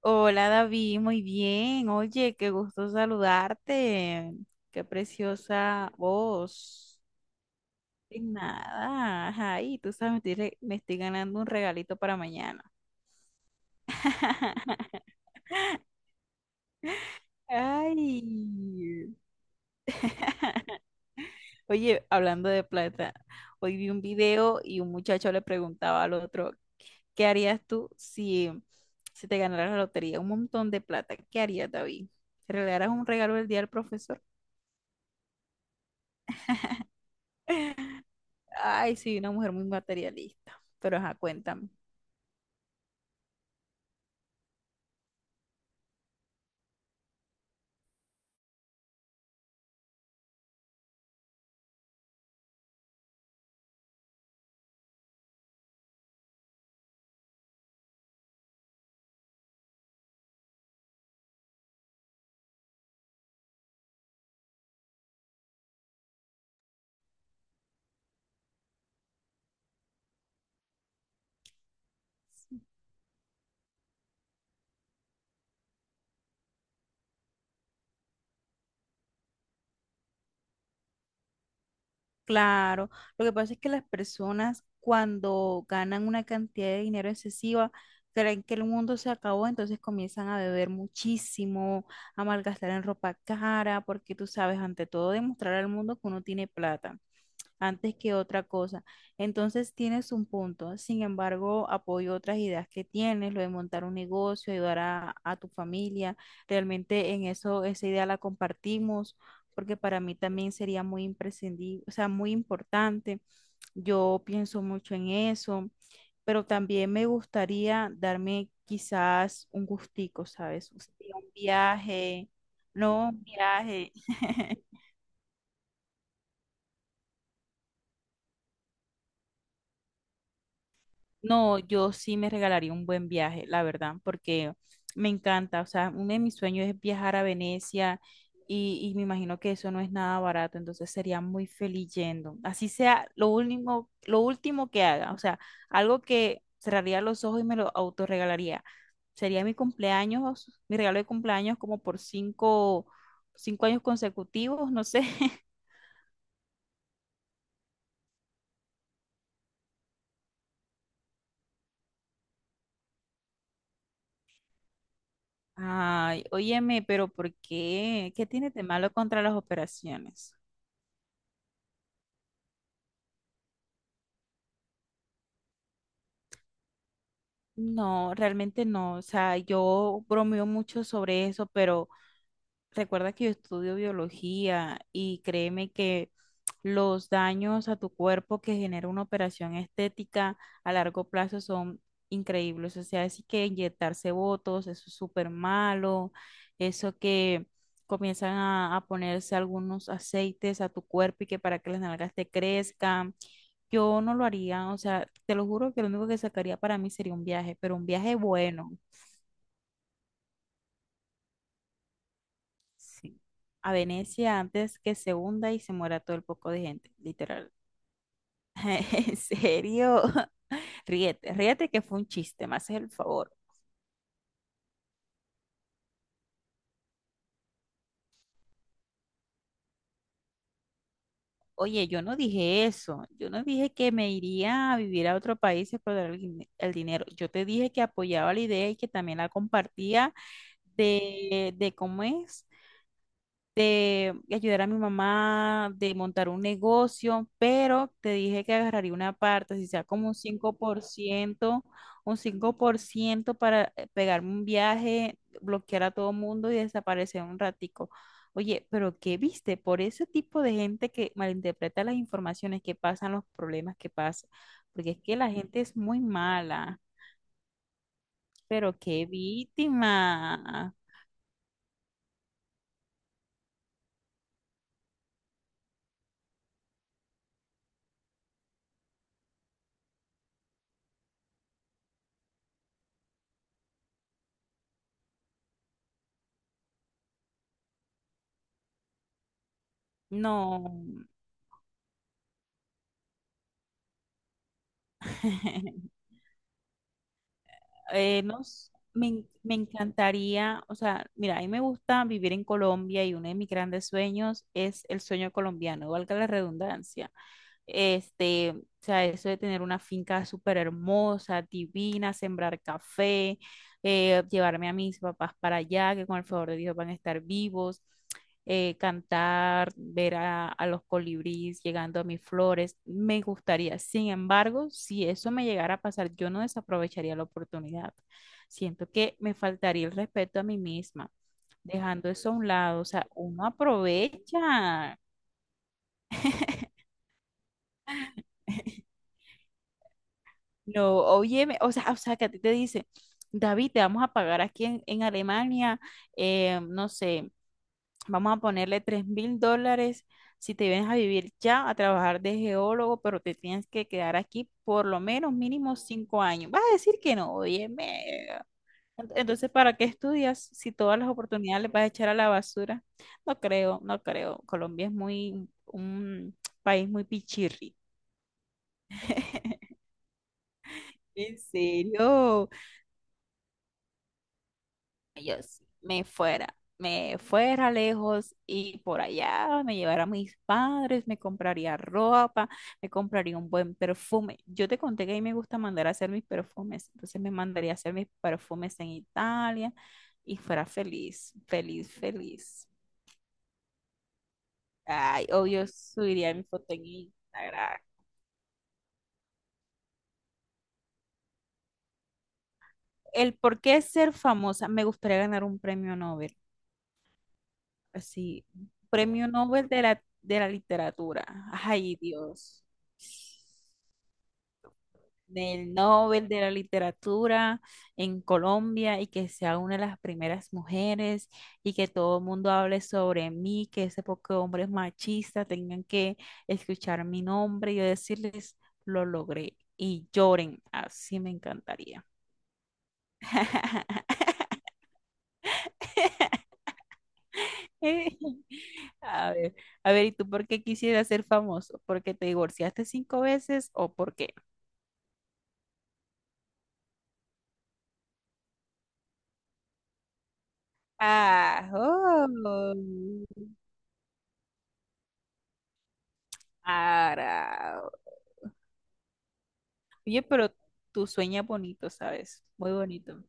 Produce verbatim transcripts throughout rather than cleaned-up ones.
Hola David, muy bien. Oye, qué gusto saludarte. Qué preciosa voz. De nada, ay, tú sabes, me estoy, re- me estoy ganando un regalito para mañana. Ay. Oye, hablando de plata, hoy vi un video y un muchacho le preguntaba al otro, ¿qué harías tú si, si te ganaras la lotería? Un montón de plata. ¿Qué harías, David? ¿Te regalaras un regalo el día del profesor? Ay, sí, una mujer muy materialista. Pero ajá, cuéntame. Claro, lo que pasa es que las personas cuando ganan una cantidad de dinero excesiva, creen que el mundo se acabó, entonces comienzan a beber muchísimo, a malgastar en ropa cara, porque tú sabes, ante todo, demostrar al mundo que uno tiene plata, antes que otra cosa. Entonces tienes un punto. Sin embargo, apoyo otras ideas que tienes, lo de montar un negocio, ayudar a, a tu familia. Realmente en eso, esa idea la compartimos, porque para mí también sería muy imprescindible, o sea, muy importante. Yo pienso mucho en eso, pero también me gustaría darme quizás un gustico, ¿sabes? O sea, un viaje, no un viaje. No, yo sí me regalaría un buen viaje, la verdad, porque me encanta. O sea, uno de mis sueños es viajar a Venecia y, y me imagino que eso no es nada barato, entonces sería muy feliz yendo. Así sea lo último, lo último que haga, o sea, algo que cerraría los ojos y me lo autorregalaría. Sería mi cumpleaños, mi regalo de cumpleaños como por cinco, cinco años consecutivos, no sé. Ay, óyeme, pero ¿por qué? ¿Qué tiene de malo contra las operaciones? No, realmente no. O sea, yo bromeo mucho sobre eso, pero recuerda que yo estudio biología y créeme que los daños a tu cuerpo que genera una operación estética a largo plazo son increíbles. O sea, así que inyectarse botox, eso es súper malo. Eso que comienzan a, a ponerse algunos aceites a tu cuerpo y que para que las nalgas te crezcan. Yo no lo haría, o sea, te lo juro que lo único que sacaría para mí sería un viaje, pero un viaje bueno. Sí, a Venecia antes que se hunda y se muera todo el poco de gente, literal. En serio, ríete, ríete que fue un chiste, me haces el favor. Oye, yo no dije eso, yo no dije que me iría a vivir a otro país y explotar el, guine- el dinero. Yo te dije que apoyaba la idea y que también la compartía de, de cómo es. De ayudar a mi mamá, de montar un negocio, pero te dije que agarraría una parte, si sea como un cinco por ciento. Un cinco por ciento para eh, pegarme un viaje, bloquear a todo mundo y desaparecer un ratico. Oye, pero ¿qué viste? Por ese tipo de gente que malinterpreta las informaciones, que pasan los problemas que pasan, porque es que la gente es muy mala, pero qué víctima. No. eh, no s- me, en- Me encantaría, o sea, mira, a mí me gusta vivir en Colombia y uno de mis grandes sueños es el sueño colombiano, valga la redundancia. Este, o sea, eso de tener una finca súper hermosa, divina, sembrar café, eh, llevarme a mis papás para allá, que con el favor de Dios van a estar vivos, eh, cantar, ver a, a los colibríes llegando a mis flores, me gustaría. Sin embargo, si eso me llegara a pasar, yo no desaprovecharía la oportunidad. Siento que me faltaría el respeto a mí misma, dejando eso a un lado. O sea, uno aprovecha. No, oye, o sea, o sea, que a ti te dice, David, te vamos a pagar aquí en, en Alemania, eh, no sé, vamos a ponerle tres mil dólares si te vienes a vivir ya a trabajar de geólogo, pero te tienes que quedar aquí por lo menos mínimo cinco años. Vas a decir que no, oye, ent- entonces, ¿para qué estudias si todas las oportunidades les vas a echar a la basura? No creo, no creo. Colombia es muy, un país muy pichirri. ¿En serio? Yo sí, me fuera, me fuera lejos y por allá me llevara a mis padres, me compraría ropa, me compraría un buen perfume. Yo te conté que a mí me gusta mandar a hacer mis perfumes, entonces me mandaría a hacer mis perfumes en Italia y fuera feliz, feliz, feliz. Ay, obvio, subiría mi foto en Instagram. El por qué ser famosa, me gustaría ganar un premio Nobel. Sí, premio Nobel de la, de la literatura. Ay, Dios. Del Nobel de la literatura en Colombia y que sea una de las primeras mujeres y que todo el mundo hable sobre mí, que ese poco hombres machistas tengan que escuchar mi nombre y yo decirles, lo logré y lloren. Así me encantaría. A ver, a ver, ¿y tú por qué quisieras ser famoso? ¿Porque te divorciaste cinco veces o porque...? Ah, oh, ara. Oye, pero tú sueñas bonito, ¿sabes? Muy bonito.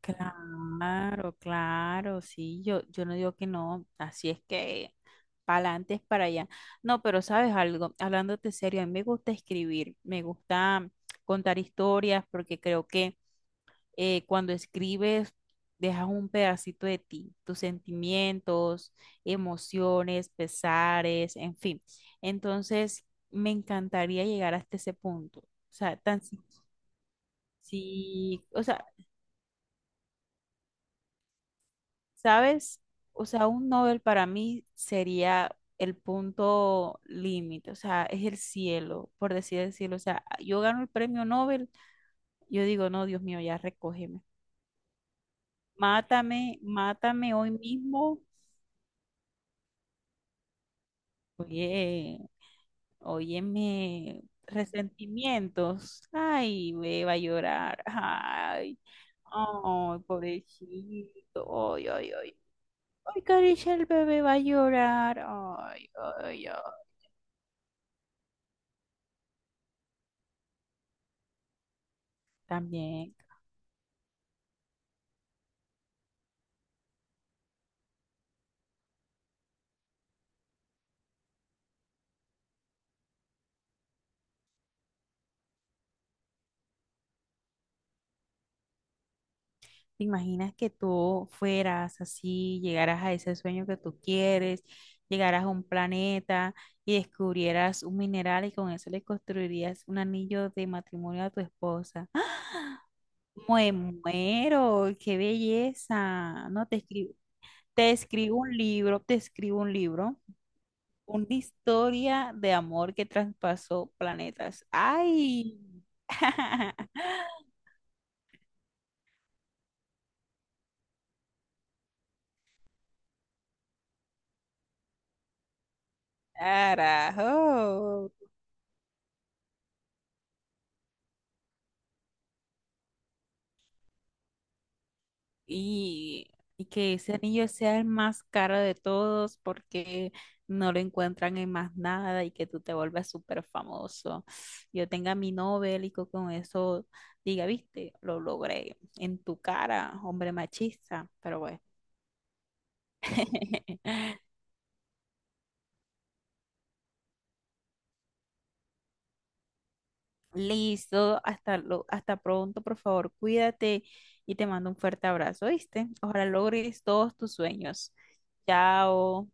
Claro, claro, sí, yo, yo no digo que no, así es que para adelante es para allá. No, pero sabes algo, hablándote serio, a mí me gusta escribir, me gusta contar historias porque creo que eh, cuando escribes, dejas un pedacito de ti, tus sentimientos, emociones, pesares, en fin. Entonces, me encantaría llegar hasta ese punto. O sea, tan si, si- o sea, ¿sabes? O sea, un Nobel para mí sería el punto límite, o sea, es el cielo, por decir el cielo. O sea, yo gano el premio Nobel, yo digo, no, Dios mío, ya recógeme. Mátame, mátame hoy mismo. Oye, óyeme, resentimientos. Ay, ve, va a llorar. Ay, ay, pobrecito. Ay, ay, ay. Ay, cariño, el bebé va a llorar. Ay, ay, ay. También. ¿Te imaginas que tú fueras así, llegaras a ese sueño que tú quieres, llegaras a un planeta y descubrieras un mineral y con eso le construirías un anillo de matrimonio a tu esposa? Me muero, qué belleza. No te escribo, te escribo un libro, te escribo un libro, una historia de amor que traspasó planetas. ¡Ay! ¡Carajo! y, y que ese anillo sea el más caro de todos porque no lo encuentran en más nada y que tú te vuelvas súper famoso. Yo tenga mi Nobel y co- con eso diga, viste, lo logré en tu cara, hombre machista, pero bueno. Listo, hasta, lo, hasta pronto, por favor, cuídate y te mando un fuerte abrazo, ¿viste? Ojalá logres todos tus sueños. Chao.